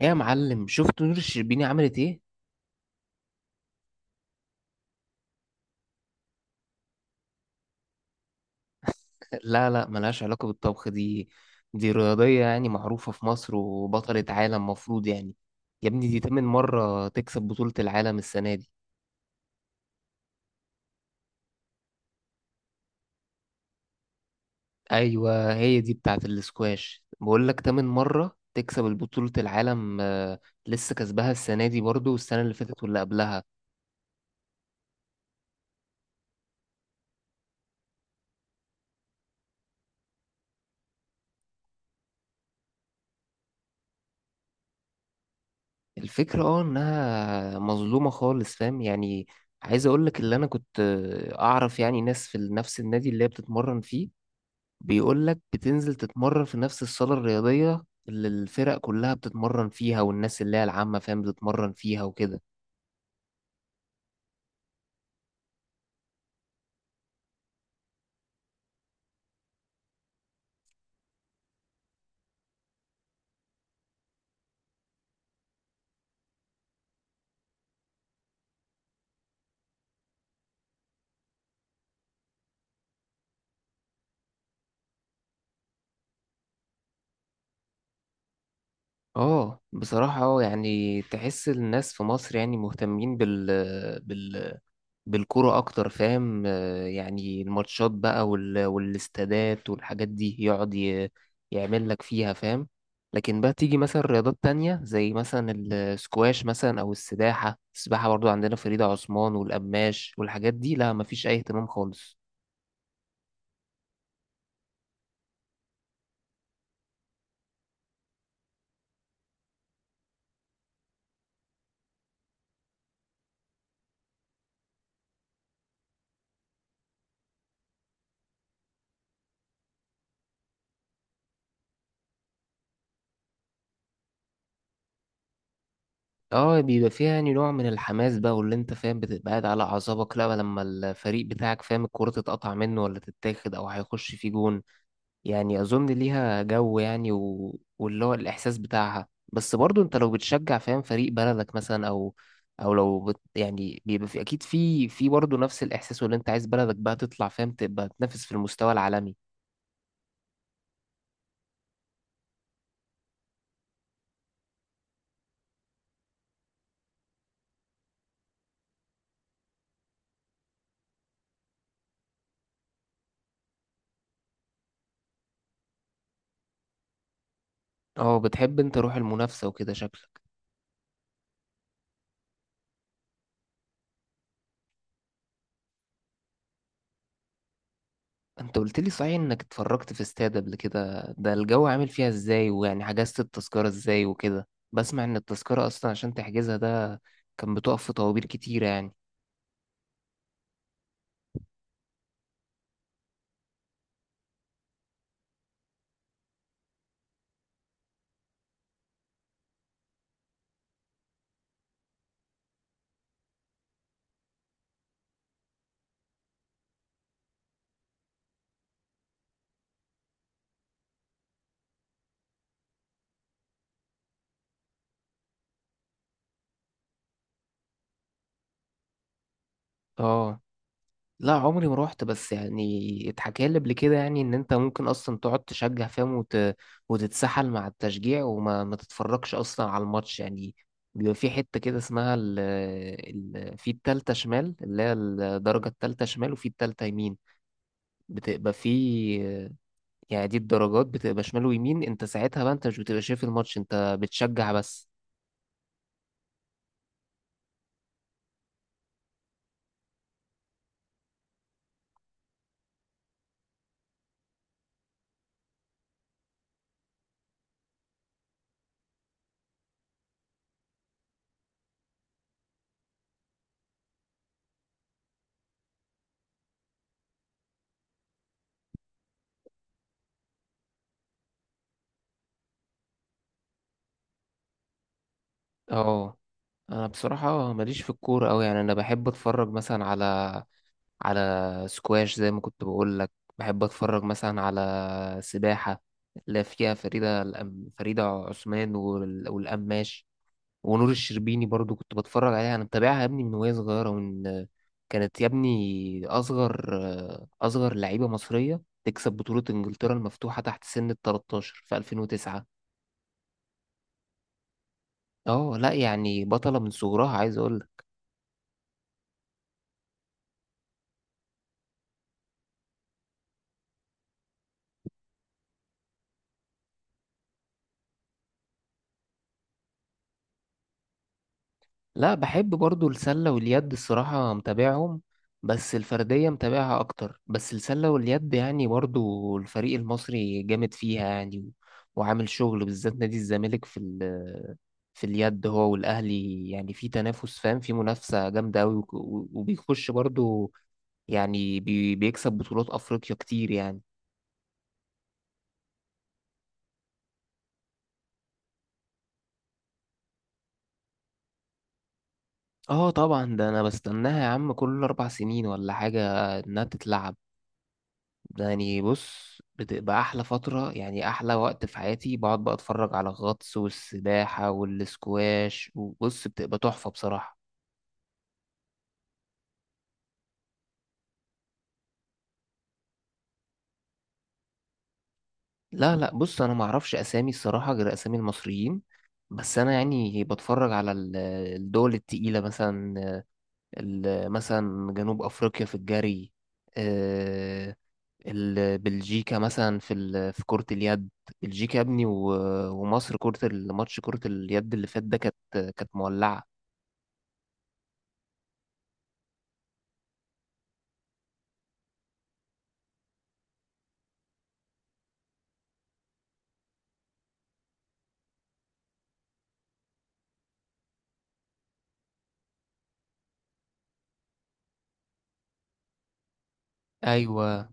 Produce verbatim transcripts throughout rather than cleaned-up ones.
ايه يا معلم، شفت نور الشربيني عملت ايه؟ لا لا، ملهاش علاقة بالطبخ دي. دي رياضية يعني، معروفة في مصر وبطلة عالم مفروض يعني. يا ابني دي تامن مرة تكسب بطولة العالم السنة دي. ايوه هي دي بتاعة الاسكواش، بقول لك تامن مرة تكسب البطولة العالم. آه، لسه كسبها السنة دي برضو، والسنة اللي فاتت واللي قبلها. الفكرة اه انها مظلومة خالص، فاهم يعني. عايز اقول لك اللي انا كنت آه، اعرف يعني ناس في نفس النادي اللي هي بتتمرن فيه. بيقول لك بتنزل تتمرن في نفس الصالة الرياضية اللي الفرق كلها بتتمرن فيها، والناس اللي هي العامة فاهم بتتمرن فيها وكده. اه بصراحة اه يعني تحس الناس في مصر يعني مهتمين بال بال بالكرة أكتر فاهم. آه، يعني الماتشات بقى وال... والاستادات والحاجات دي يقعد ي... يعمل لك فيها فاهم. لكن بقى تيجي مثلا رياضات تانية زي مثلا السكواش مثلا، أو السباحة. السباحة برضو عندنا فريدة عثمان والقماش والحاجات دي، لا مفيش أي اهتمام خالص. اه بيبقى فيها يعني نوع من الحماس بقى، واللي انت فاهم بتبقى قاعد على اعصابك لا لما الفريق بتاعك فاهم الكرة تتقطع منه ولا تتاخد او هيخش في جون. يعني اظن ليها جو يعني و... واللي هو الاحساس بتاعها. بس برضو انت لو بتشجع فاهم فريق بلدك مثلا، او او لو بت... يعني بيبقى في اكيد في في برضو نفس الاحساس، واللي انت عايز بلدك بقى تطلع فاهم تبقى تنافس في المستوى العالمي. اه بتحب انت روح المنافسة وكده شكلك. انت قلت لي صحيح انك اتفرجت في استاد قبل كده، ده الجو عامل فيها ازاي؟ ويعني حجزت التذكرة ازاي وكده؟ بسمع ان التذكرة اصلا عشان تحجزها ده كان بتقف في طوابير كتيرة يعني. اه لا، عمري ما روحت، بس يعني اتحكى لي قبل كده يعني ان انت ممكن اصلا تقعد تشجع فاهم وت... وتتسحل مع التشجيع، وما ما تتفرجش اصلا على الماتش يعني. بيبقى في حتة كده اسمها ال... ال... في التالتة شمال، اللي هي الدرجة التالتة شمال وفي التالتة يمين. بتبقى في، يعني دي الدرجات بتبقى شمال ويمين. انت ساعتها بقى انت مش بتبقى شايف الماتش، انت بتشجع بس. اه انا بصراحة ماليش في الكورة أوي، يعني انا بحب اتفرج مثلا على على سكواش زي ما كنت بقول لك. بحب اتفرج مثلا على سباحة اللي فيها فريدة الأم... فريدة عثمان وال... والقماش. ونور الشربيني برضو كنت بتفرج عليها، انا متابعها يا ابني من وهي صغيرة، ومن كانت يا ابني اصغر اصغر لعيبة مصرية تكسب بطولة انجلترا المفتوحة تحت سن ال تلتاشر في ألفين وتسعة. اه لا، يعني بطلة من صغرها عايز اقول. لا بحب برضو السلة واليد الصراحة، متابعهم. بس الفردية متابعها أكتر، بس السلة واليد يعني برضو الفريق المصري جامد فيها يعني و- وعامل شغل، بالذات نادي الزمالك في ال في اليد هو والأهلي، يعني في تنافس فاهم في منافسة جامدة أوي، وك- و- وبيخش برضو يعني بي- بيكسب بطولات أفريقيا كتير يعني. اه طبعا ده أنا بستناها يا عم كل أربع سنين ولا حاجة إنها تتلعب. يعني بص، بتبقى احلى فتره يعني احلى وقت في حياتي، بقعد بقى اتفرج على الغطس والسباحه والسكواش، وبص بتبقى تحفه بصراحه. لا لا، بص انا ما اعرفش اسامي الصراحه غير اسامي المصريين، بس انا يعني بتفرج على ال- الدول التقيله مثلا، ال- مثلا جنوب افريقيا في الجري. آه، ال- بلجيكا مثلا في ال- في كرة اليد. بلجيكا يا ابني و- ومصر كرة الماتش كرة اليد اللي فات ده كانت كانت مولعة. ايوه.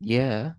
ياه.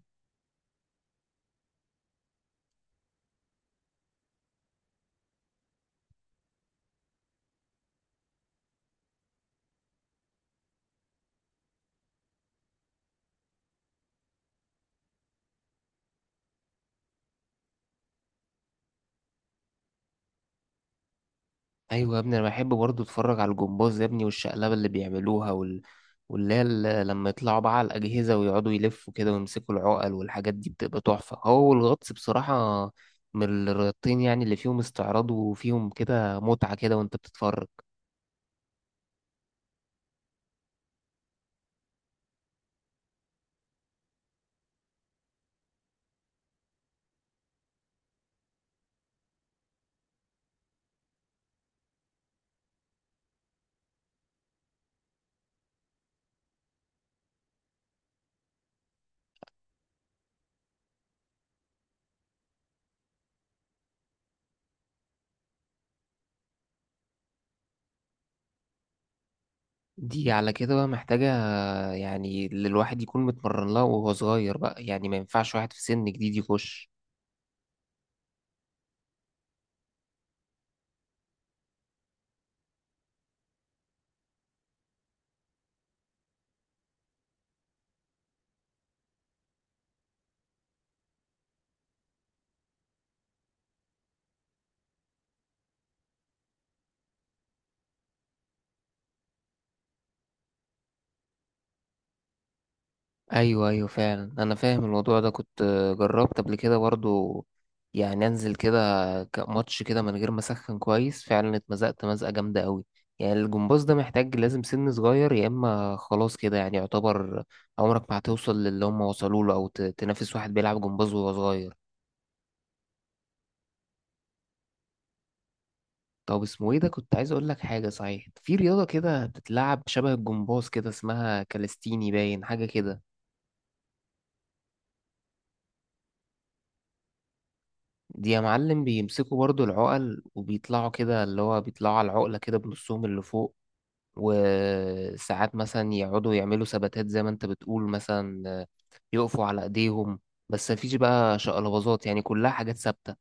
ايوه يا ابني انا بحب برضه اتفرج على الجمباز يا ابني، والشقلبه اللي بيعملوها وال... واللي هي ال- لما يطلعوا بقى على الاجهزه ويقعدوا يلفوا كده ويمسكوا العقل، والحاجات دي بتبقى تحفه هو والغطس بصراحه. من الرياضتين يعني اللي فيهم استعراض، وفيهم كده متعه كده وانت بتتفرج. دي على كده بقى محتاجه يعني اللي الواحد يكون متمرن لها وهو صغير بقى، يعني ما ينفعش واحد في سن جديد يخش. ايوه ايوه فعلا انا فاهم الموضوع ده، كنت جربت قبل كده برضو، يعني انزل كده ك- ماتش كده من غير ما اسخن كويس، فعلا اتمزقت مزقه جامده قوي. يعني الجمباز ده محتاج لازم سن صغير، يا اما خلاص كده يعني يعتبر عمرك ما هتوصل للي هم وصلوا له، او ت- تنافس واحد بيلعب جمباز وهو صغير. طب اسمه ايه ده، كنت عايز اقول لك حاجه صحيح، في رياضه كده بتتلعب شبه الجمباز كده اسمها كاليستيني باين حاجه كده. دي يا معلم بيمسكوا برضو العقل وبيطلعوا كده، اللي هو بيطلعوا على العقلة كده بنصهم اللي فوق، وساعات مثلا يقعدوا يعملوا ثباتات زي ما انت بتقول مثلا، يقفوا على ايديهم، بس مفيش بقى شقلباظات، يعني كلها حاجات ثابتة.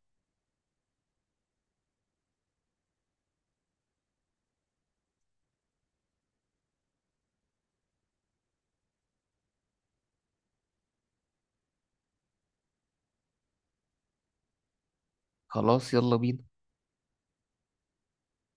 خلاص يلا بينا.